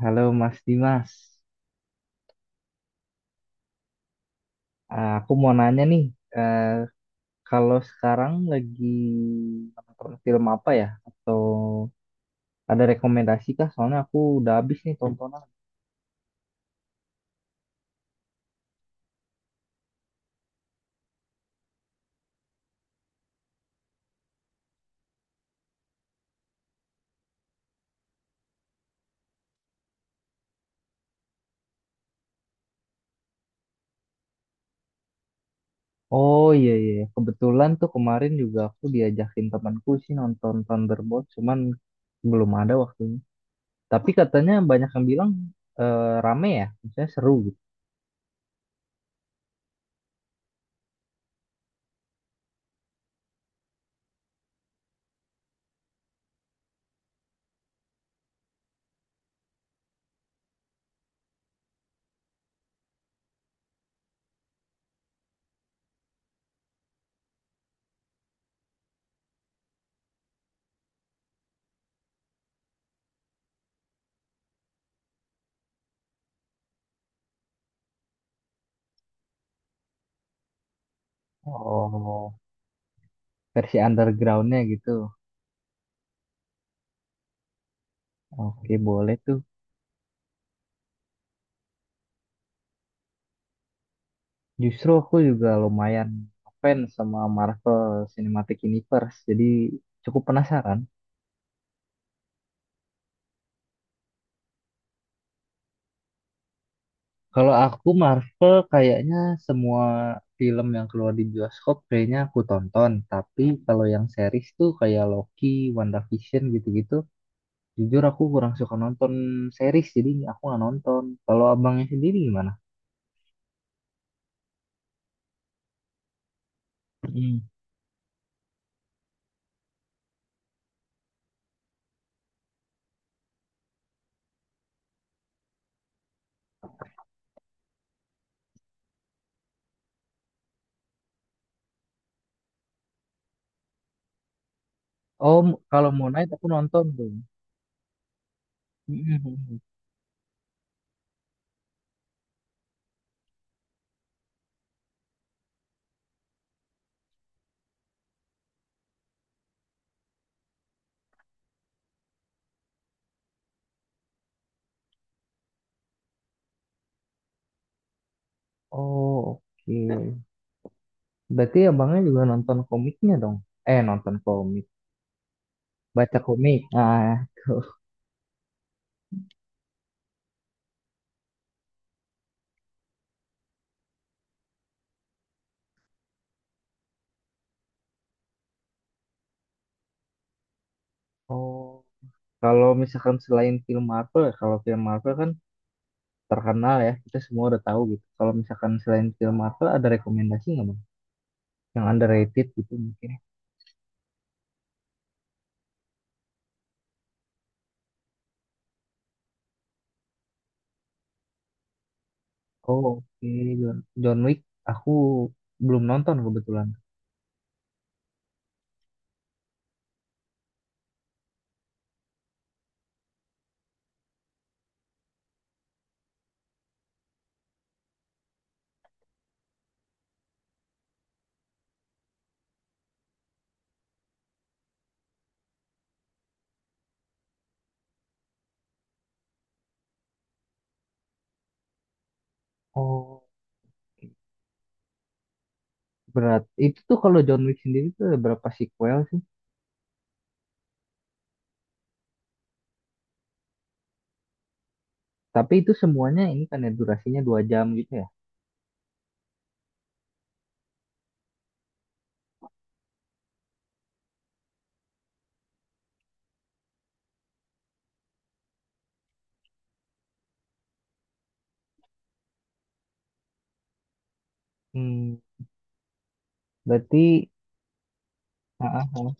Halo Mas Dimas, aku mau nanya nih, eh, kalau sekarang lagi nonton film apa ya? Atau ada rekomendasi kah? Soalnya aku udah habis nih tontonan. Oh iya, iya, kebetulan tuh kemarin juga aku diajakin temanku sih nonton Thunderbolt, cuman belum ada waktunya. Tapi katanya banyak yang bilang rame ya, misalnya seru gitu. Oh, versi undergroundnya gitu. Oke, boleh tuh. Justru aku juga lumayan fans sama Marvel Cinematic Universe, jadi cukup penasaran. Kalau aku Marvel kayaknya semua film yang keluar di bioskop kayaknya aku tonton, tapi kalau yang series tuh kayak Loki, WandaVision gitu-gitu, jujur aku kurang suka nonton series, jadi aku nggak nonton. Kalau abangnya sendiri gimana? Mm. Oh, kalau Moon Knight aku nonton tuh. Mm. Oh, oke. Berarti abangnya juga nonton komiknya dong. Eh, nonton komik. Baca komik. Ah, tuh. Oh. Kalau misalkan selain film Marvel, ya, kalau film Marvel kan terkenal ya, kita semua udah tahu gitu. Kalau misalkan selain film Marvel, ada rekomendasi nggak bang? Yang underrated gitu mungkin. Oh, oke. John, John Wick, aku belum nonton kebetulan. Oh, berat. Itu tuh kalau John Wick sendiri tuh ada berapa sequel sih? Tapi itu semuanya ini kan ya durasinya dua jam gitu ya. Hmm, berarti, ah, ah, ah.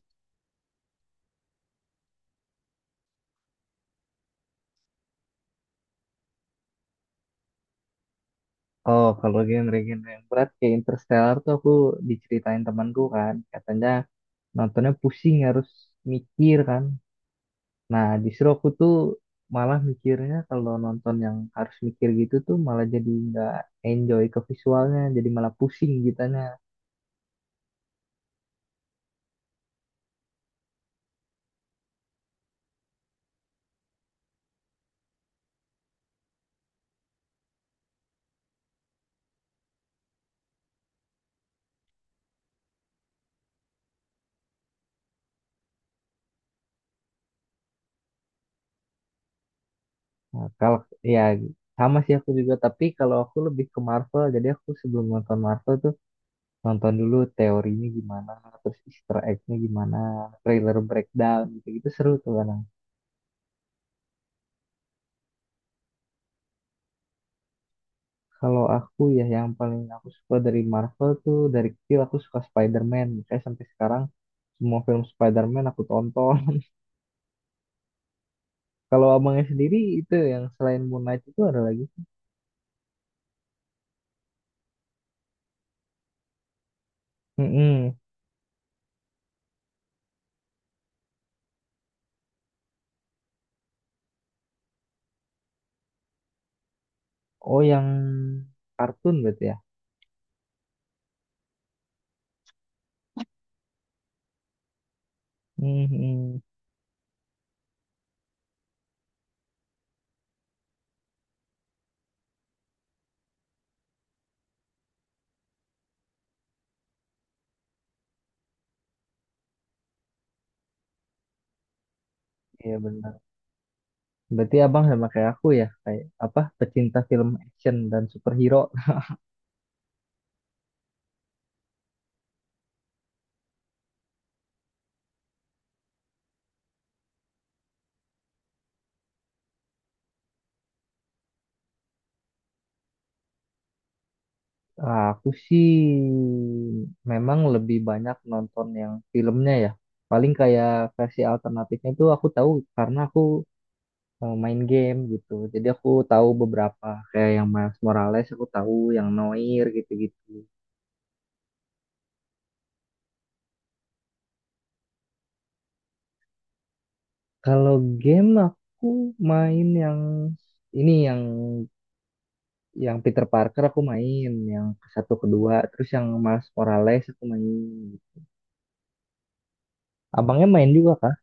Oh, kalau genre-genre yang berat kayak Interstellar tuh aku diceritain temanku kan, katanya nontonnya pusing harus mikir kan. Nah, justru aku tuh malah mikirnya kalau nonton yang harus mikir gitu tuh malah jadi nggak enjoy ke visualnya, jadi malah pusing gitanya. Nah, kalau ya sama sih aku juga, tapi kalau aku lebih ke Marvel, jadi aku sebelum nonton Marvel tuh nonton dulu teorinya gimana, terus Easter egg-nya gimana, trailer breakdown gitu-gitu seru tuh kan. Kalau aku ya yang paling aku suka dari Marvel tuh dari kecil aku suka Spider-Man. Saya sampai sekarang semua film Spider-Man aku tonton. Kalau abangnya sendiri itu yang selain Moon Knight itu ada lagi. Mm-mm. Oh yang kartun berarti ya. Hmm, mm. Iya benar. Berarti abang sama kayak aku ya kayak apa pecinta film action dan superhero. Ah, aku sih memang lebih banyak nonton yang filmnya ya. Paling kayak versi alternatifnya itu aku tahu karena aku main game gitu. Jadi aku tahu beberapa kayak yang Miles Morales aku tahu, yang Noir gitu-gitu. Kalau game aku main yang ini yang Peter Parker aku main, yang satu kedua, terus yang Miles Morales aku main. Abangnya main juga kah?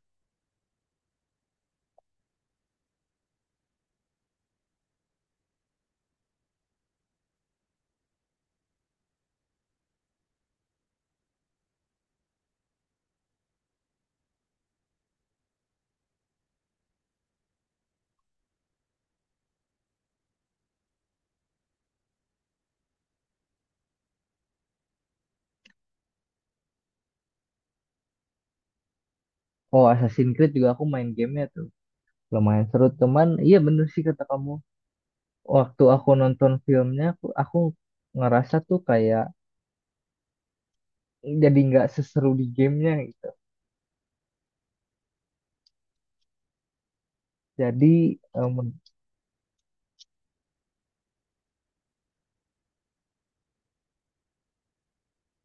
Oh, Assassin's Creed juga aku main gamenya tuh. Lumayan seru, teman. Iya bener sih kata kamu. Waktu aku nonton filmnya, aku ngerasa tuh kayak jadi nggak seseru di gamenya gitu. Jadi eh,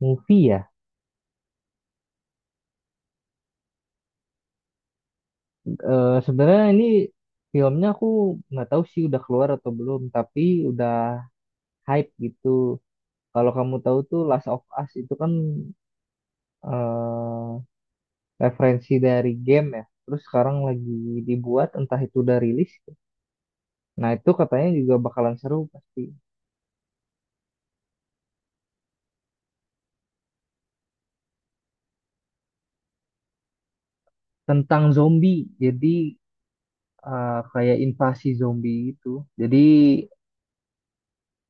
movie ya. Sebenarnya ini filmnya aku nggak tahu sih udah keluar atau belum, tapi udah hype gitu. Kalau kamu tahu tuh Last of Us itu kan eh referensi dari game ya. Terus sekarang lagi dibuat, entah itu udah rilis. Nah itu katanya juga bakalan seru pasti. Tentang zombie, jadi kayak invasi zombie gitu. Jadi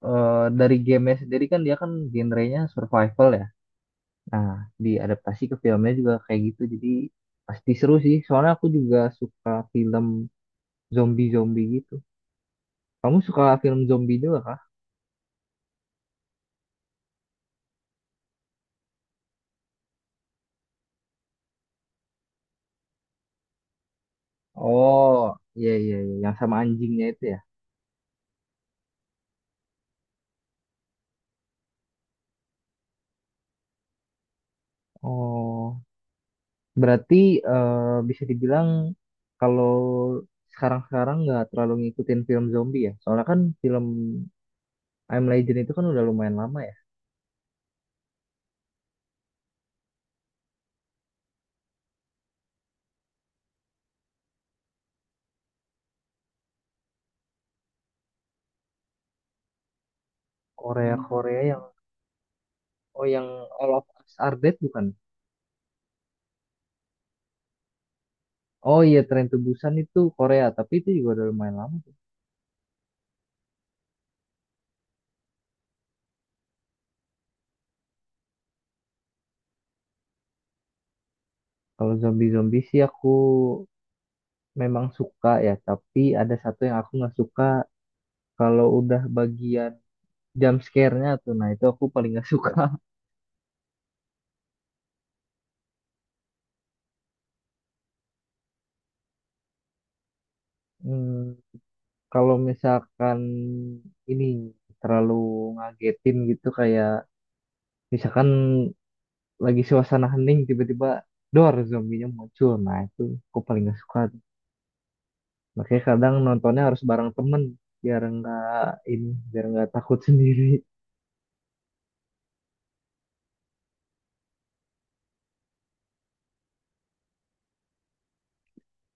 eh, dari gamenya sendiri kan dia kan genrenya survival ya. Nah, diadaptasi ke filmnya juga kayak gitu. Jadi pasti seru sih. Soalnya aku juga suka film zombie-zombie gitu. Kamu suka film zombie juga kah? Oh, iya, iya, iya, yang sama anjingnya itu ya. Oh, berarti bisa dibilang kalau sekarang-sekarang nggak terlalu ngikutin film zombie ya. Soalnya kan film I'm Legend itu kan udah lumayan lama ya. Korea-Korea yang oh yang All of Us Are Dead bukan? Oh iya, Tren Busan itu Korea, tapi itu juga udah lumayan lama. Kalau zombie-zombie sih aku memang suka ya, tapi ada satu yang aku nggak suka kalau udah bagian jump scare-nya tuh. Nah, itu aku paling nggak suka. Hmm, kalau misalkan ini terlalu ngagetin gitu kayak misalkan lagi suasana hening tiba-tiba dor zombinya muncul. Nah, itu aku paling nggak suka tuh. Makanya kadang nontonnya harus bareng temen biar nggak ini biar nggak takut sendiri.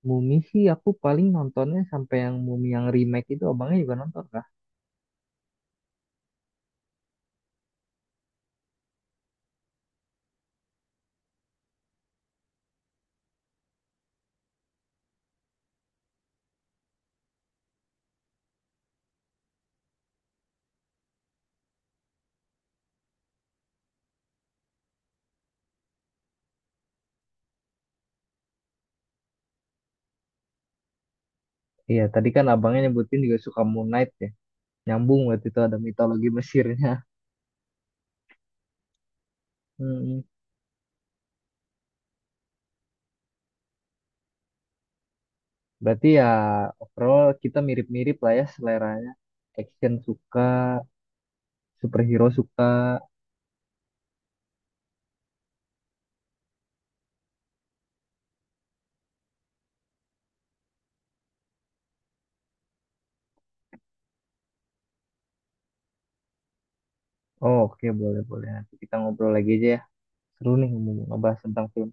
Mumi sih aku paling nontonnya sampai yang Mumi yang remake itu abangnya juga nonton kah? Iya, tadi kan abangnya nyebutin juga suka Moon Knight ya. Nyambung berarti itu ada mitologi Mesirnya. Hmm. Berarti ya overall kita mirip-mirip lah ya seleranya. Action suka, superhero suka. Oh, oke, boleh boleh, nanti kita ngobrol lagi aja ya. Seru nih ngomong ngebahas tentang film.